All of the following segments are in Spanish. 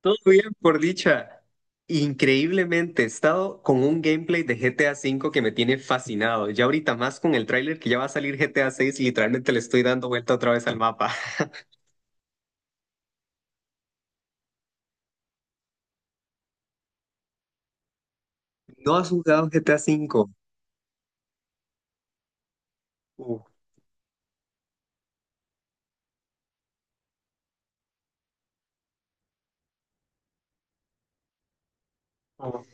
Todo bien, por dicha. Increíblemente, he estado con un gameplay de GTA cinco que me tiene fascinado. Ya ahorita más con el tráiler que ya va a salir GTA VI, literalmente le estoy dando vuelta otra vez al mapa. ¿No has jugado GTA cinco? Uf, uf.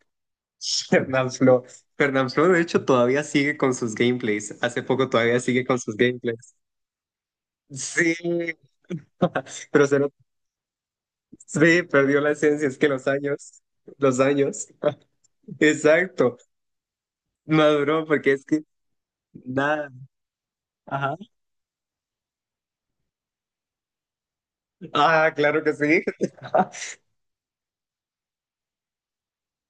Fernanfloo. Fernanfloo, de hecho, todavía sigue con sus gameplays. Hace poco todavía sigue con sus gameplays. Sí, pero sí, perdió la esencia, es que los años, los años. Exacto, maduró, porque es que nada. Ajá. Ah, claro que sí.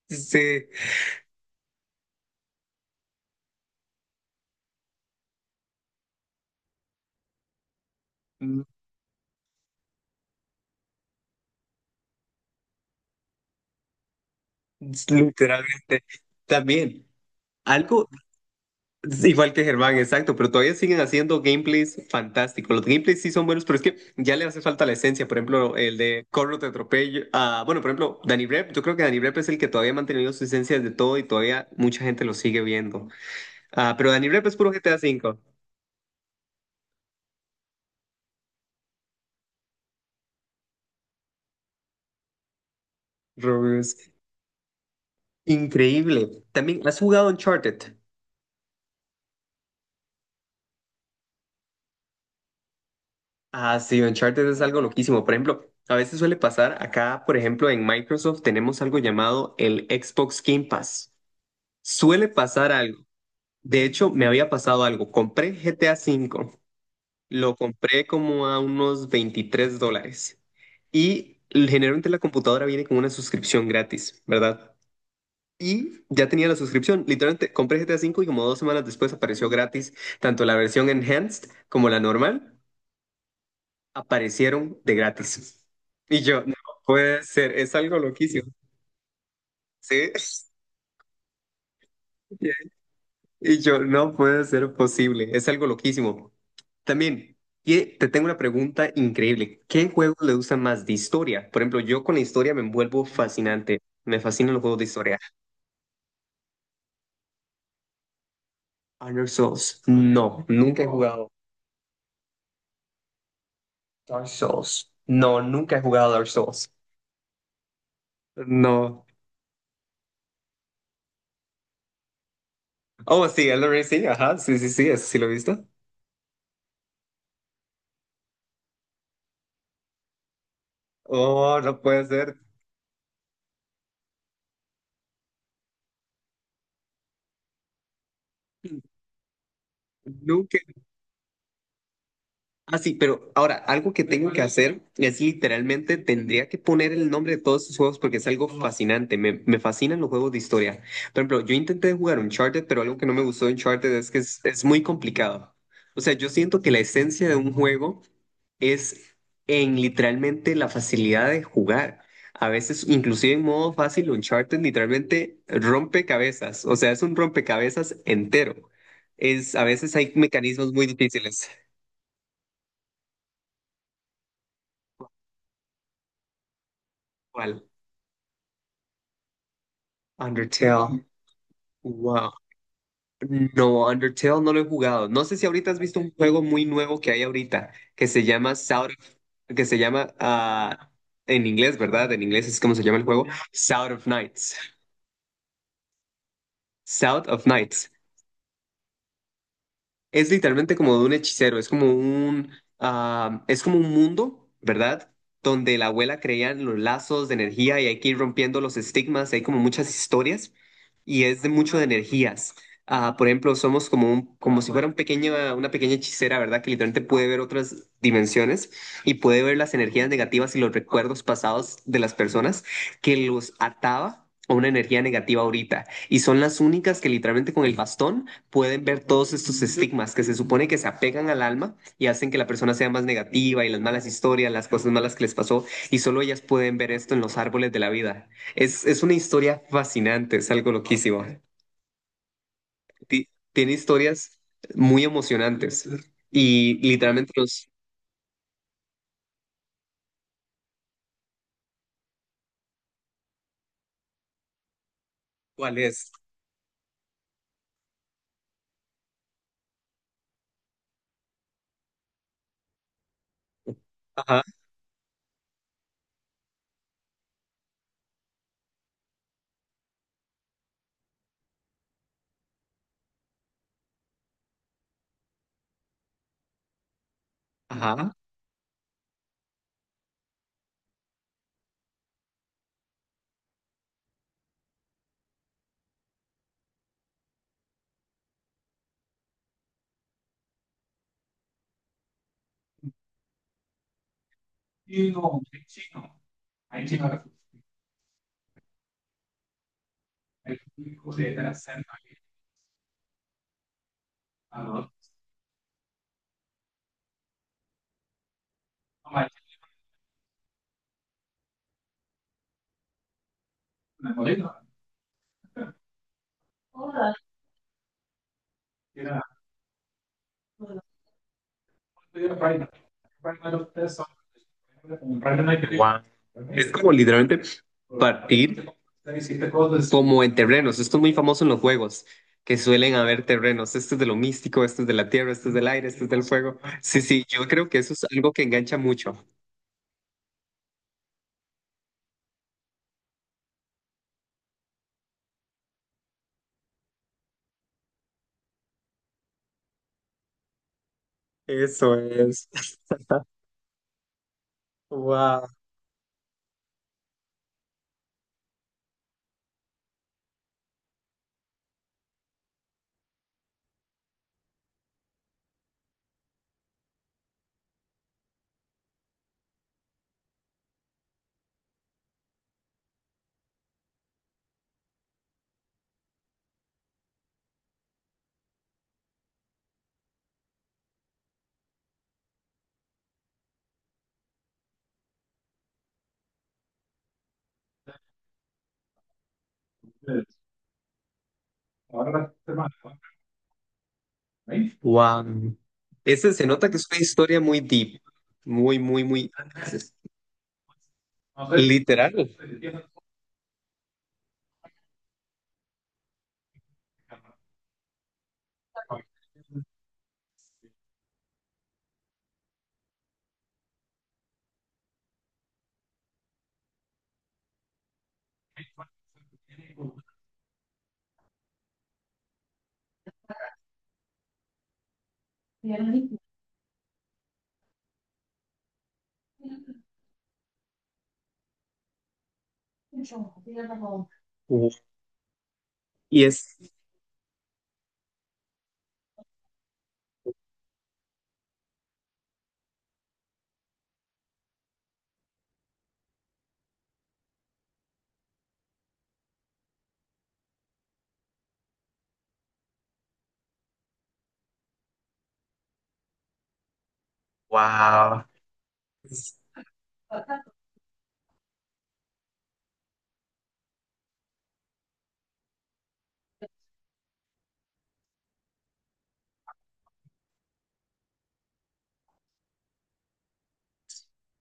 Sí. Mm. Literalmente. También, algo igual que Germán, exacto, pero todavía siguen haciendo gameplays fantásticos. Los gameplays sí son buenos, pero es que ya le hace falta la esencia. Por ejemplo, el de Corro te atropello. Ah, bueno, por ejemplo, Danny Rep. Yo creo que Danny Rep es el que todavía ha mantenido su esencia de todo y todavía mucha gente lo sigue viendo. Ah, pero Danny Rep es puro GTA cinco. Rubius. Increíble. También, ¿has jugado Uncharted? Ah, sí, Uncharted es algo loquísimo. Por ejemplo, a veces suele pasar, acá, por ejemplo, en Microsoft tenemos algo llamado el Xbox Game Pass. Suele pasar algo. De hecho, me había pasado algo. Compré GTA V, lo compré como a unos $23 y generalmente la computadora viene con una suscripción gratis, ¿verdad? Y ya tenía la suscripción. Literalmente compré GTA V y como 2 semanas después apareció gratis tanto la versión enhanced como la normal. Aparecieron de gratis. Y yo, no puede ser, es algo loquísimo. Sí. Y yo, no puede ser posible, es algo loquísimo. También, y te tengo una pregunta increíble. ¿Qué juegos le gustan más de historia? Por ejemplo, yo con la historia me envuelvo fascinante. Me fascinan los juegos de historia. Honor Souls, no, nunca he jugado. Dark Souls, no, nunca he jugado Dark Souls. No. Oh, sí, Elden Ring, sí, ajá, sí, sí, sí, eso sí lo he visto. Oh, no puede ser. Nunca. Ah, sí, pero ahora, algo que tengo que hacer es literalmente tendría que poner el nombre de todos estos juegos porque es algo fascinante. Me fascinan los juegos de historia. Por ejemplo, yo intenté jugar Uncharted, pero algo que no me gustó de Uncharted es que es muy complicado. O sea, yo siento que la esencia de un juego es en literalmente la facilidad de jugar. A veces, inclusive en modo fácil, Uncharted literalmente rompe cabezas. O sea, es un rompecabezas entero. A veces hay mecanismos muy difíciles. Undertale. Wow. No, Undertale no lo he jugado. No sé si ahorita has visto un juego muy nuevo que hay ahorita, que se llama que se llama en inglés, ¿verdad? En inglés es como se llama el juego, South of Nights. South of Nights. Es literalmente como de un hechicero, es como un mundo, ¿verdad? Donde la abuela creía en los lazos de energía y hay que ir rompiendo los estigmas, hay como muchas historias y es de mucho de energías. Ah, por ejemplo, como si fuera una pequeña hechicera, ¿verdad? Que literalmente puede ver otras dimensiones y puede ver las energías negativas y los recuerdos pasados de las personas que los ataba a una energía negativa ahorita. Y son las únicas que literalmente con el bastón pueden ver todos estos estigmas que se supone que se apegan al alma y hacen que la persona sea más negativa y las malas historias, las cosas malas que les pasó, y solo ellas pueden ver esto en los árboles de la vida. Es una historia fascinante, es algo loquísimo. Tiene historias muy emocionantes y literalmente los... ¿Cuál es? Ajá, ajá. Es como literalmente partir como en terrenos. Esto es muy famoso en los juegos, que suelen haber terrenos. Esto es de lo místico, esto es de la tierra, esto es del aire, esto es del fuego. Sí, sí, yo creo que eso es algo que engancha mucho. Eso es. Wow. Wow. Ese se nota que es una historia muy deep, muy, muy, muy literal. Wow. Y es,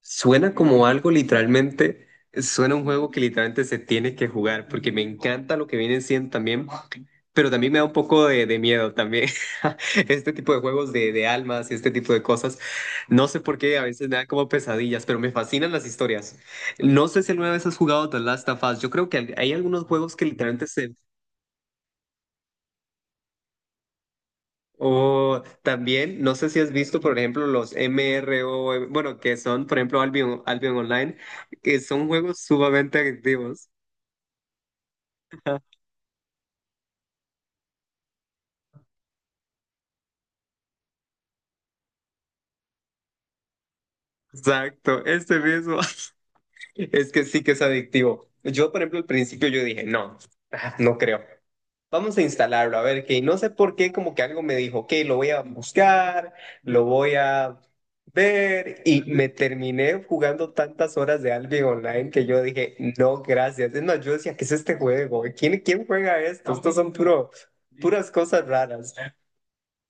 Suena como algo literalmente, suena un juego que literalmente se tiene que jugar, porque me encanta lo que viene siendo también, pero también me da un poco de miedo también. Este tipo de juegos de almas y este tipo de cosas, no sé por qué, a veces me dan como pesadillas, pero me fascinan las historias. No sé si alguna vez has jugado The Last of Us, yo creo que hay algunos juegos que literalmente se... O también, no sé si has visto, por ejemplo, los MRO, bueno, que son, por ejemplo, Albion, Albion Online, que son juegos sumamente adictivos. Exacto, este mismo. Es que sí que es adictivo. Yo, por ejemplo, al principio yo dije, no, no creo. Vamos a instalarlo, a ver qué. Y no sé por qué, como que algo me dijo, ok, lo voy a buscar, lo voy a ver. Y me terminé jugando tantas horas de Albion Online que yo dije, no, gracias. Es yo decía, ¿qué es este juego? ¿Quién juega esto? Estos son puro, puras cosas raras.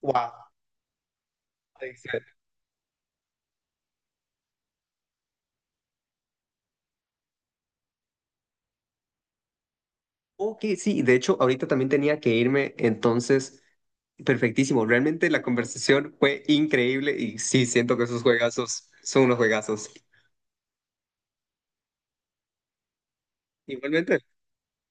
Wow. Ok, sí, de hecho, ahorita también tenía que irme, entonces, perfectísimo. Realmente la conversación fue increíble y sí, siento que esos juegazos son unos juegazos. Igualmente.